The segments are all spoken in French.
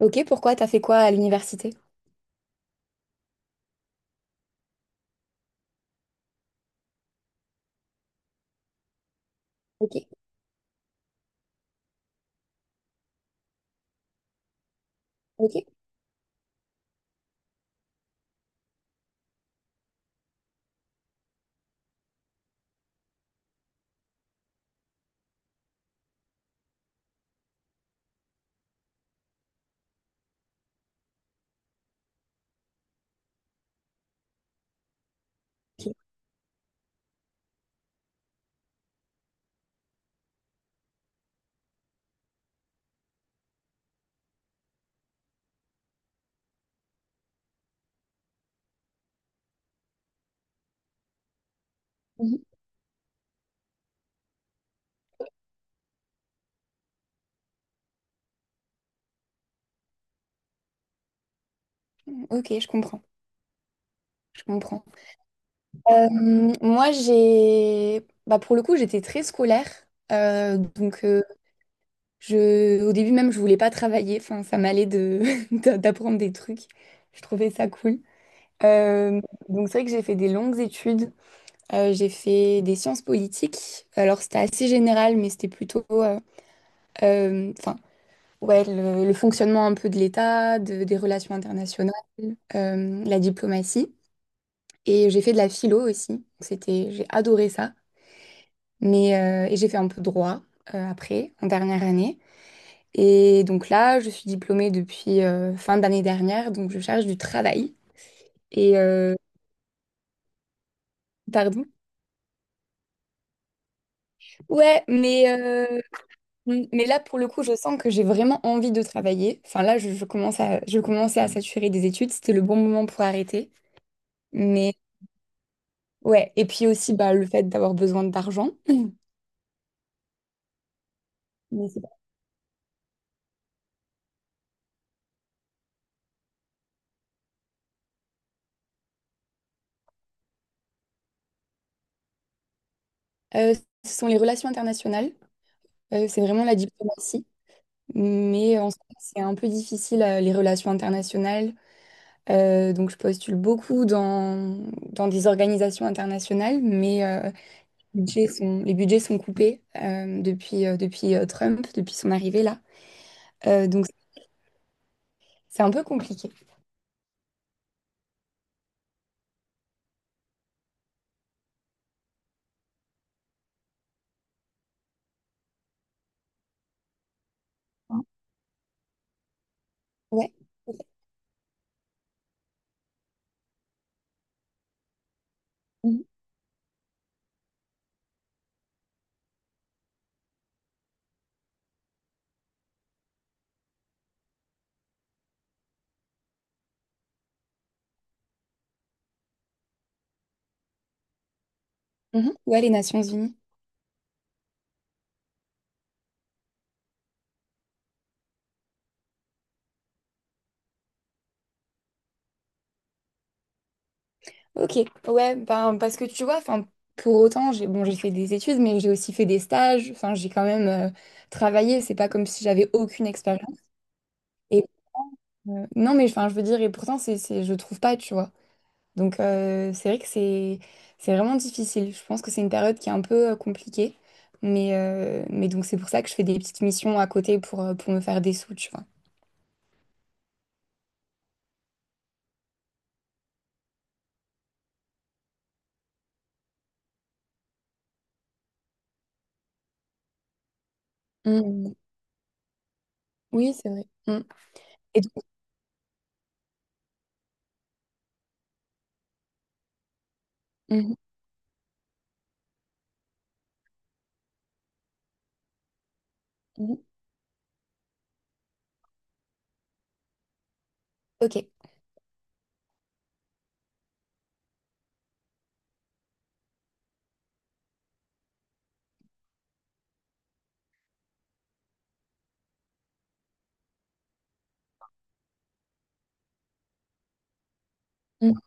Ok, pourquoi? T'as fait quoi à l'université? Ok, ok. Mhm. Ok, je comprends. Je comprends. Euh, Moi, j'ai, bah, pour le coup, j'étais très scolaire. Euh, donc, euh, je, au début même, je voulais pas travailler. Enfin, ça m'allait de d'apprendre des trucs. Je trouvais ça cool. Euh, c'est vrai que j'ai fait des longues études. J'ai fait des sciences politiques. Alors, c'était assez général, mais c'était plutôt, euh, enfin, ouais, le fonctionnement un peu de l'État, des relations internationales, la diplomatie. Et j'ai fait de la philo aussi. Donc c'était, j'ai adoré ça. Mais, et j'ai fait un peu de droit après, en dernière année. Et donc là, je suis diplômée depuis fin d'année dernière, donc je cherche du travail. Et pardon. Ouais, mais là, pour le coup, je sens que j'ai vraiment envie de travailler. Enfin là, je commence à, je commençais à saturer des études. C'était le bon moment pour arrêter. Mais ouais, et puis aussi bah, le fait d'avoir besoin d'argent. Mais c'est pas- Euh, Ce sont les relations internationales. C'est vraiment la diplomatie, mais en soi, c'est un peu difficile les relations internationales. Donc je postule beaucoup dans des organisations internationales, mais les budgets sont coupés depuis Trump, depuis son arrivée là. Donc c'est un peu compliqué. Ouais. Ouais. Mhm. Mhm. Ouais, les Nations Unies. Ok, ouais, ben, parce que tu vois, enfin, pour autant, j'ai bon, j'ai fait des études, mais j'ai aussi fait des stages, enfin, j'ai quand même travaillé, c'est pas comme si j'avais aucune expérience. Et non, mais enfin, je veux dire, et pourtant, c'est, je trouve pas, tu vois. Donc, c'est vrai que c'est vraiment difficile. Je pense que c'est une période qui est un peu compliquée, mais, c'est pour ça que je fais des petites missions à côté pour me faire des sous, tu vois. Mm. Oui, c'est vrai. Mm. Et donc- Mhm. Mhm. Ok. Mm.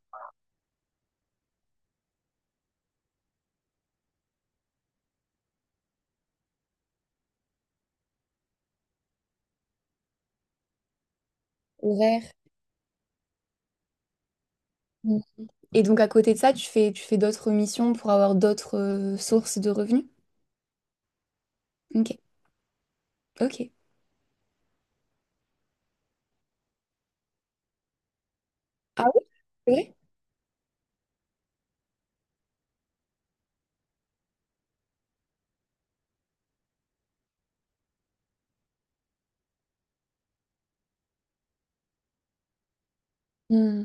Horaire. Et donc à côté de ça, tu fais d'autres missions pour avoir d'autres sources de revenus? Ok, ok. Ah oui, c'est vrai? Hmm.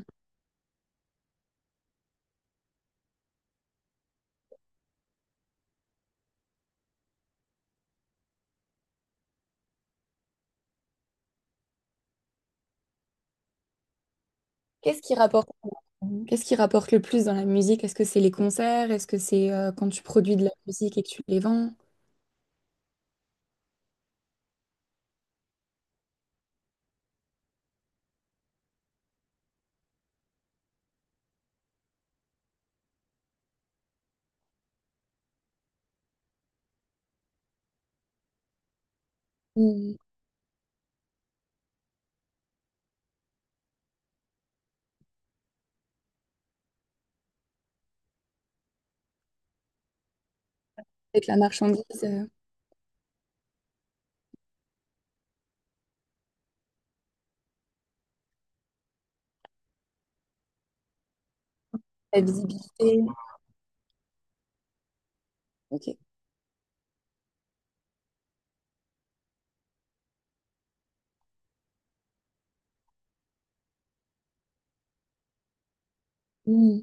Qu'est-ce qui rapporte, qu'est-ce qui rapporte le plus dans la musique? Est-ce que c'est les concerts? Est-ce que c'est quand tu produis de la musique et que tu les vends? Hmm. Avec la marchandise, la visibilité. Ok. Hmm.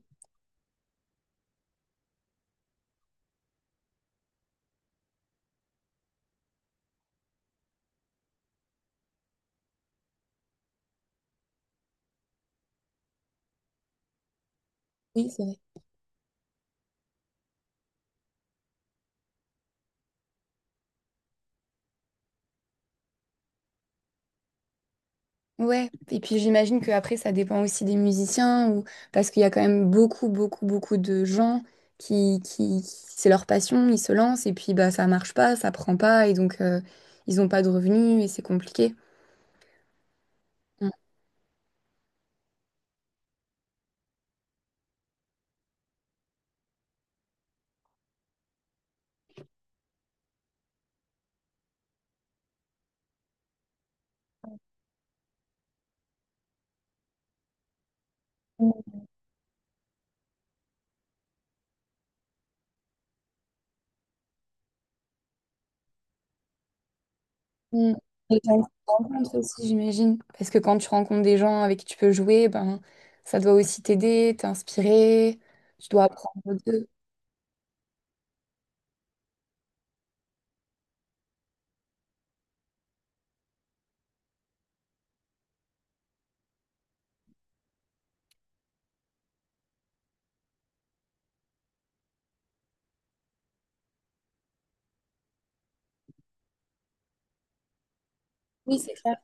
Oui, c'est vrai. Ouais, et puis j'imagine que après ça dépend aussi des musiciens ou parce qu'il y a quand même beaucoup beaucoup beaucoup de gens qui c'est leur passion, ils se lancent et puis bah ça marche pas, ça prend pas et donc ils ont pas de revenus et c'est compliqué. Mm. Mm. Et t'as une rencontre aussi, j'imagine, parce que quand tu rencontres des gens avec qui tu peux jouer, ben ça doit aussi t'aider, t'inspirer, tu dois apprendre d'eux. Oui, c'est clair.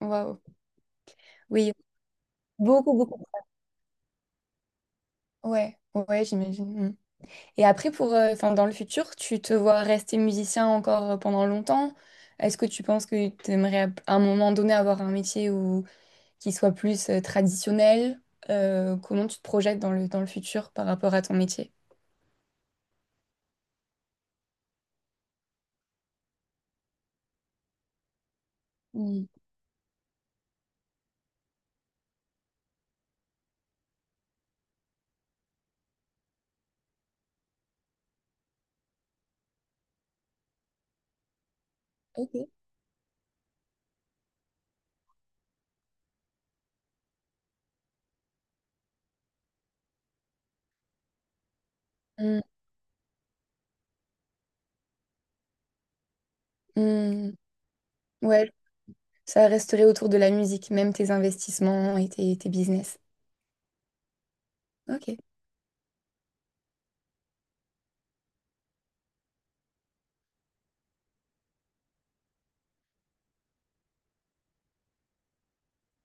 Waouh. Oui, beaucoup beaucoup. Ouais, ouais, j'imagine. Mmh. Et après, pour, dans le futur, tu te vois rester musicien encore pendant longtemps? Est-ce que tu penses que tu aimerais à un moment donné avoir un métier où, qui soit plus traditionnel? Comment tu te projettes dans dans le futur par rapport à ton métier? Hmm, ok. Mm, mm, ouais, ça resterait autour de la musique, même tes investissements et tes business. Ok.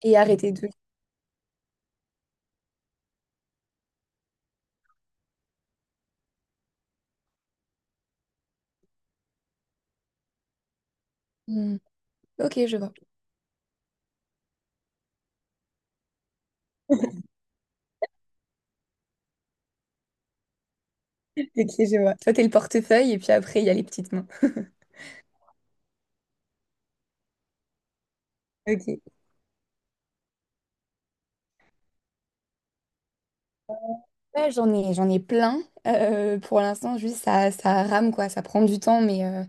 Et arrêter de... Mm, ok, je vois. Ok, je vois. Toi, t'es le portefeuille et puis après, il y a les petites mains. Ok. Ouais, j'en ai plein. Pour l'instant, juste ça, ça rame, quoi. Ça prend du temps,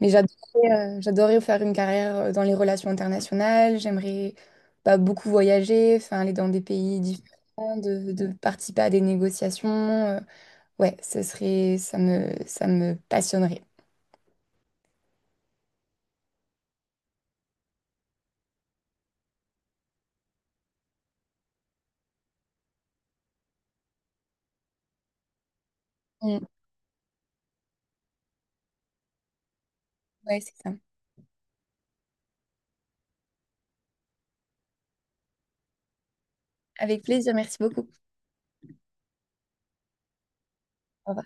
mais j'adorais, j'adorais faire une carrière dans les relations internationales. J'aimerais bah, beaucoup voyager, enfin, aller dans des pays différents, de participer à des négociations. Ouais, ce serait, ça me passionnerait. Mm, ouais, c'est ça. Avec plaisir, merci beaucoup. Au revoir.